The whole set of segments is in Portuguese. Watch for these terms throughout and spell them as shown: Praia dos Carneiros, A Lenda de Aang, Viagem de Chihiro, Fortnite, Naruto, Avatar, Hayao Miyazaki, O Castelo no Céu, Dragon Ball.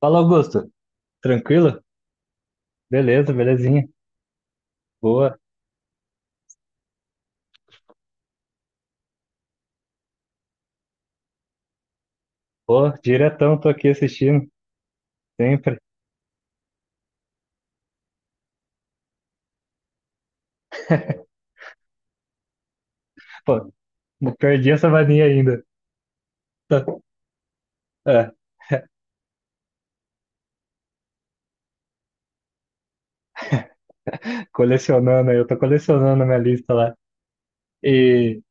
Fala, Augusto. Tranquilo? Beleza, belezinha. Boa. Pô, diretão, tô aqui assistindo, sempre. Pô, não perdi essa mania ainda. Tá, é, colecionando aí, eu tô colecionando a minha lista lá. E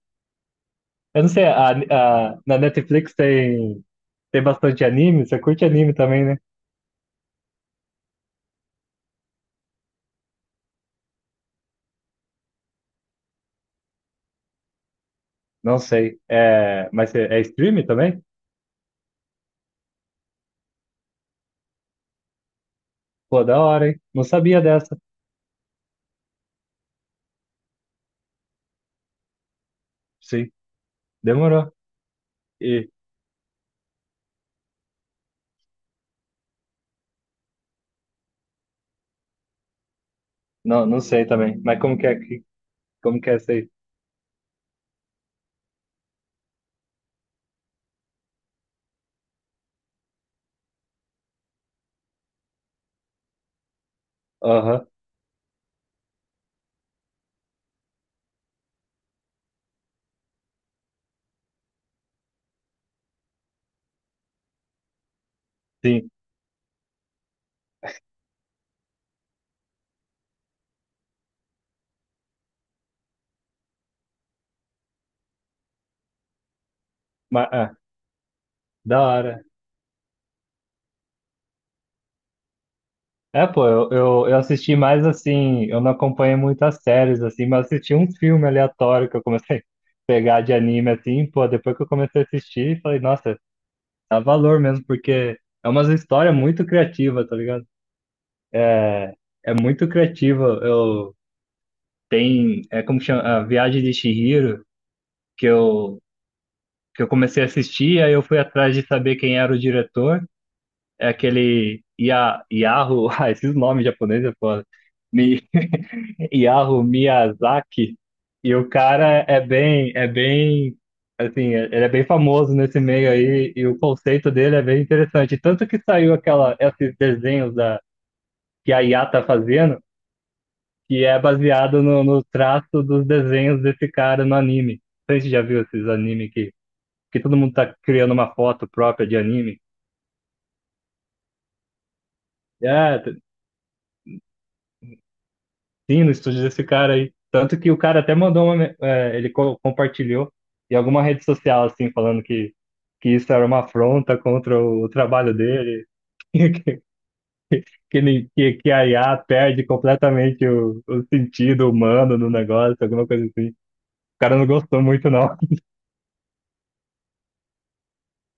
eu não sei, na Netflix tem, tem bastante anime, você curte anime também, né? Não sei. É, é stream também? Pô, da hora, hein? Não sabia dessa. Sim, demorou. E não, não sei também. Mas como que é aqui? Como que é essa aí? Aham, sim. Mas, ah, da hora. É, pô, eu assisti mais assim, eu não acompanhei muitas séries, assim, mas assisti um filme aleatório que eu comecei a pegar de anime, assim. Pô, depois que eu comecei a assistir, falei, nossa, dá valor mesmo, porque é uma história muito criativa, tá ligado? É, é muito criativa. É como chama, a Viagem de Chihiro, que eu, que eu comecei a assistir, aí eu fui atrás de saber quem era o diretor, é aquele Ia, Yahoo, ah, esses nomes japoneses, pô, Hayao Miyazaki, e o cara é bem, assim, ele é bem famoso nesse meio aí, e o conceito dele é bem interessante. Tanto que saiu aquela, esses desenhos da, que a IA tá fazendo, que é baseado no traço dos desenhos desse cara no anime. Não sei se você já viu esses anime que todo mundo tá criando uma foto própria de anime. É, sim, no estúdio desse cara aí. Tanto que o cara até mandou uma. Ele compartilhou em alguma rede social, assim, falando que isso era uma afronta contra o trabalho dele, que, que, nem- que a IA perde completamente o sentido humano no negócio, alguma coisa assim. O cara não gostou muito, não.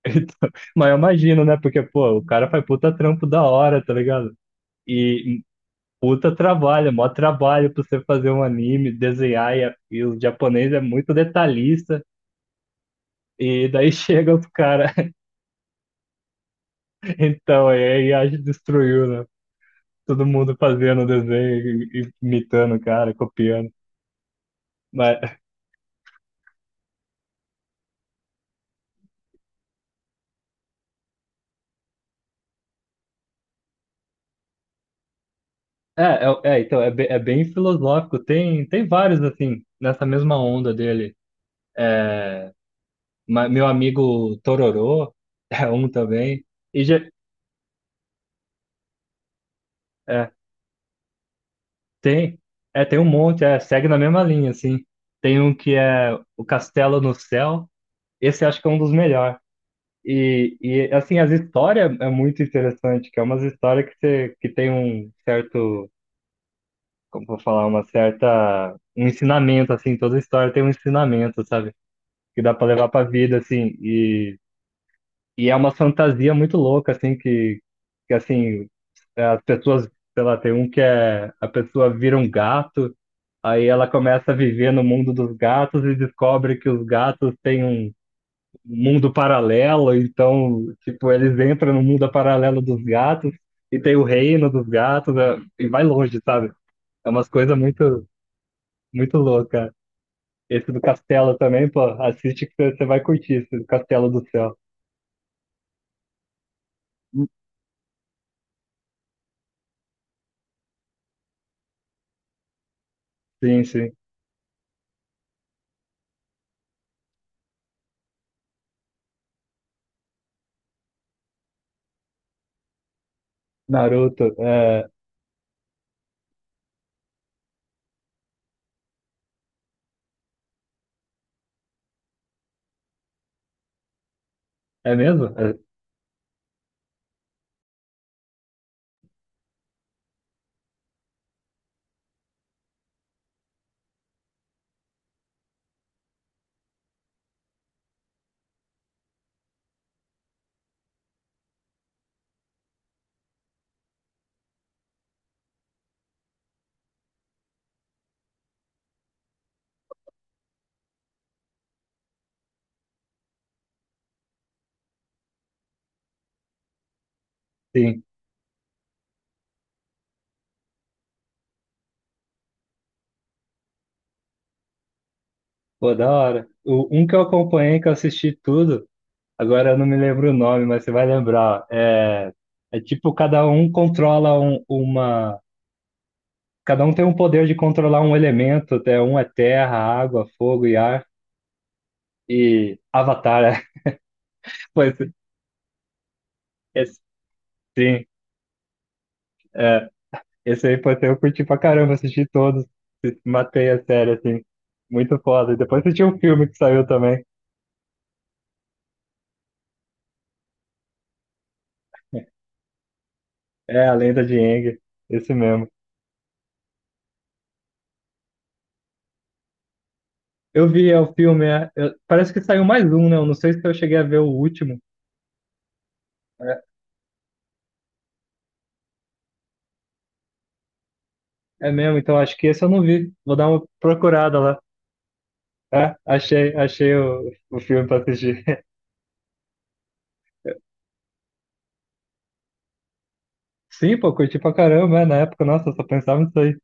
Então, mas eu imagino, né? Porque, pô, o cara faz puta trampo da hora, tá ligado? E puta trabalho, mó trabalho pra você fazer um anime, desenhar, e o japonês é muito detalhista. E daí chega outro cara. Então, aí a gente destruiu, né? Todo mundo fazendo o desenho, e imitando o cara, copiando. Mas, é, então, é, é bem filosófico. Tem, tem vários, assim, nessa mesma onda dele. Meu amigo Tororô é um também. E já, é, tem, é, tem um monte, é, segue na mesma linha, assim. Tem um que é O Castelo no Céu. Esse acho que é um dos melhores. E assim, as histórias é muito interessante, que é umas histórias que, você, que tem um certo, como eu vou falar, uma certa, um ensinamento, assim. Toda história tem um ensinamento, sabe? Que dá pra levar pra vida, assim, e é uma fantasia muito louca, assim, que assim, as pessoas, sei lá, tem um que é, a pessoa vira um gato, aí ela começa a viver no mundo dos gatos e descobre que os gatos têm um mundo paralelo, então, tipo, eles entram no mundo paralelo dos gatos e tem o reino dos gatos e vai longe, sabe? É umas coisas muito, muito louca. Esse do castelo também, pô, assiste que você vai curtir esse do Castelo do Céu. Sim, sim. Naruto, é, é mesmo? É, sim. Pô, da hora. O, um que eu acompanhei, que eu assisti tudo, agora eu não me lembro o nome, mas você vai lembrar. É, é tipo, cada um tem um poder de controlar um elemento, até um é terra, água, fogo e ar. E Avatar, é, foi esse, esse- sim, é, esse aí foi, eu curti pra caramba, assisti todos, matei a série, assim, muito foda. E depois assisti um filme que saiu também, é A Lenda de Aang, esse mesmo. Eu vi é, o filme, é, parece que saiu mais um, né? Eu não sei se eu cheguei a ver o último. É, é mesmo, então acho que esse eu não vi. Vou dar uma procurada lá. É, achei o filme pra assistir. Sim, pô, curti pra caramba, né? Na época, nossa, eu só pensava nisso aí.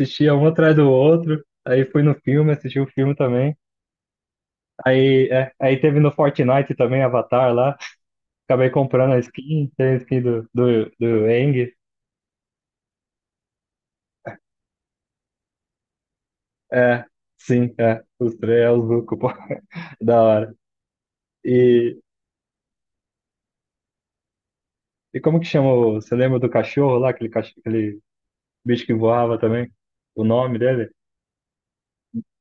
Assistia um atrás do outro. Aí fui no filme, assisti o filme também. Aí, é, aí teve no Fortnite também, Avatar lá. Acabei comprando a skin, tem a skin do Aang. É, sim, é. Os três é o Zuko, pô. Da hora. E, e como que chama? Você lembra do cachorro lá? Aquele, aquele bicho que voava também? O nome dele?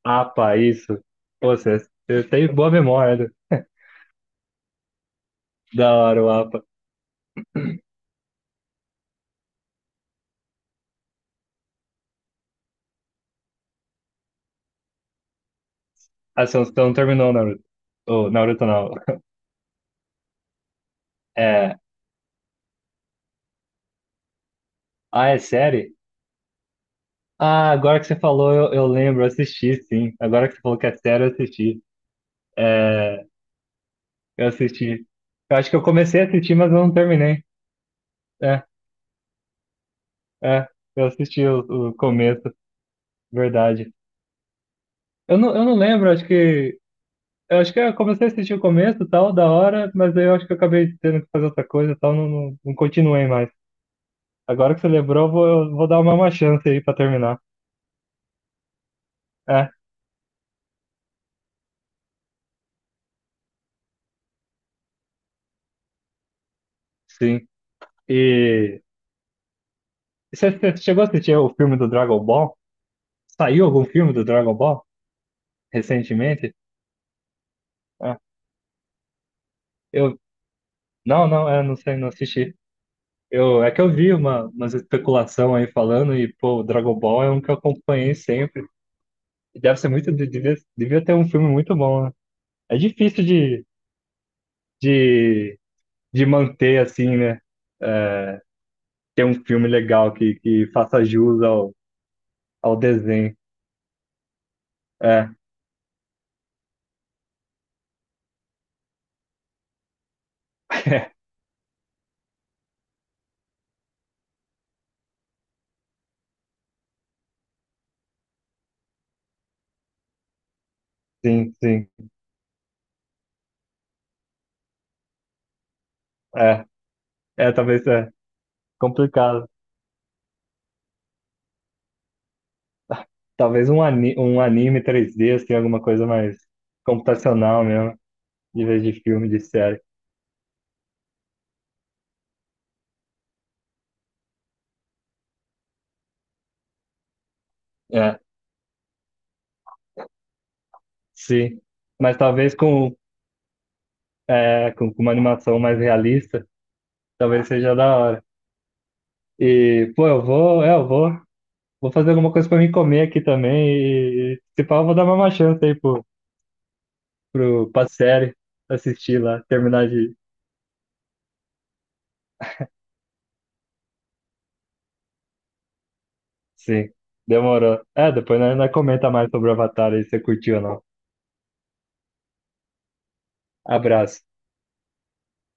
Apa, isso. Pô, você, você tem boa memória, né? Da hora o Apa. A Assunção terminou o Naruto. Ou Naruto não. É. Ah, é série? Ah, agora que você falou, eu lembro, eu assisti, sim. Agora que você falou que é série, eu assisti. É, eu assisti. Eu acho que eu comecei a assistir, mas eu não terminei. É, é. Eu assisti o começo, verdade. Eu não lembro, acho que. Eu acho que eu comecei a assistir o começo, tal, da hora, mas aí eu acho que eu acabei tendo que fazer outra coisa, tal, não continuei mais. Agora que você lembrou, eu vou dar uma chance aí pra terminar. É, sim. E. Você você chegou a assistir o filme do Dragon Ball? Saiu algum filme do Dragon Ball recentemente? Ah, eu não, não, é, não sei, não assisti. Eu é que eu vi uma umas especulação aí falando, e pô, o Dragon Ball é um que eu acompanhei sempre. E deve ser muito, devia, devia ter um filme muito bom, né? É difícil de, de manter assim, né? É, ter um filme legal que faça jus ao, ao desenho. É, sim, sim. É, é talvez é complicado. Talvez um, ani um anime 3D, assim, alguma coisa mais computacional mesmo, em vez de filme, de série. É, sim. Mas talvez com, é, com uma animação mais realista, talvez seja da hora. E, pô, eu vou, vou fazer alguma coisa pra mim comer aqui também. E se pá, eu vou dar uma chance aí pra série, assistir lá, terminar de. Sim, demorou. É, depois nós comenta mais sobre o Avatar aí, se você curtiu ou não. Abraço.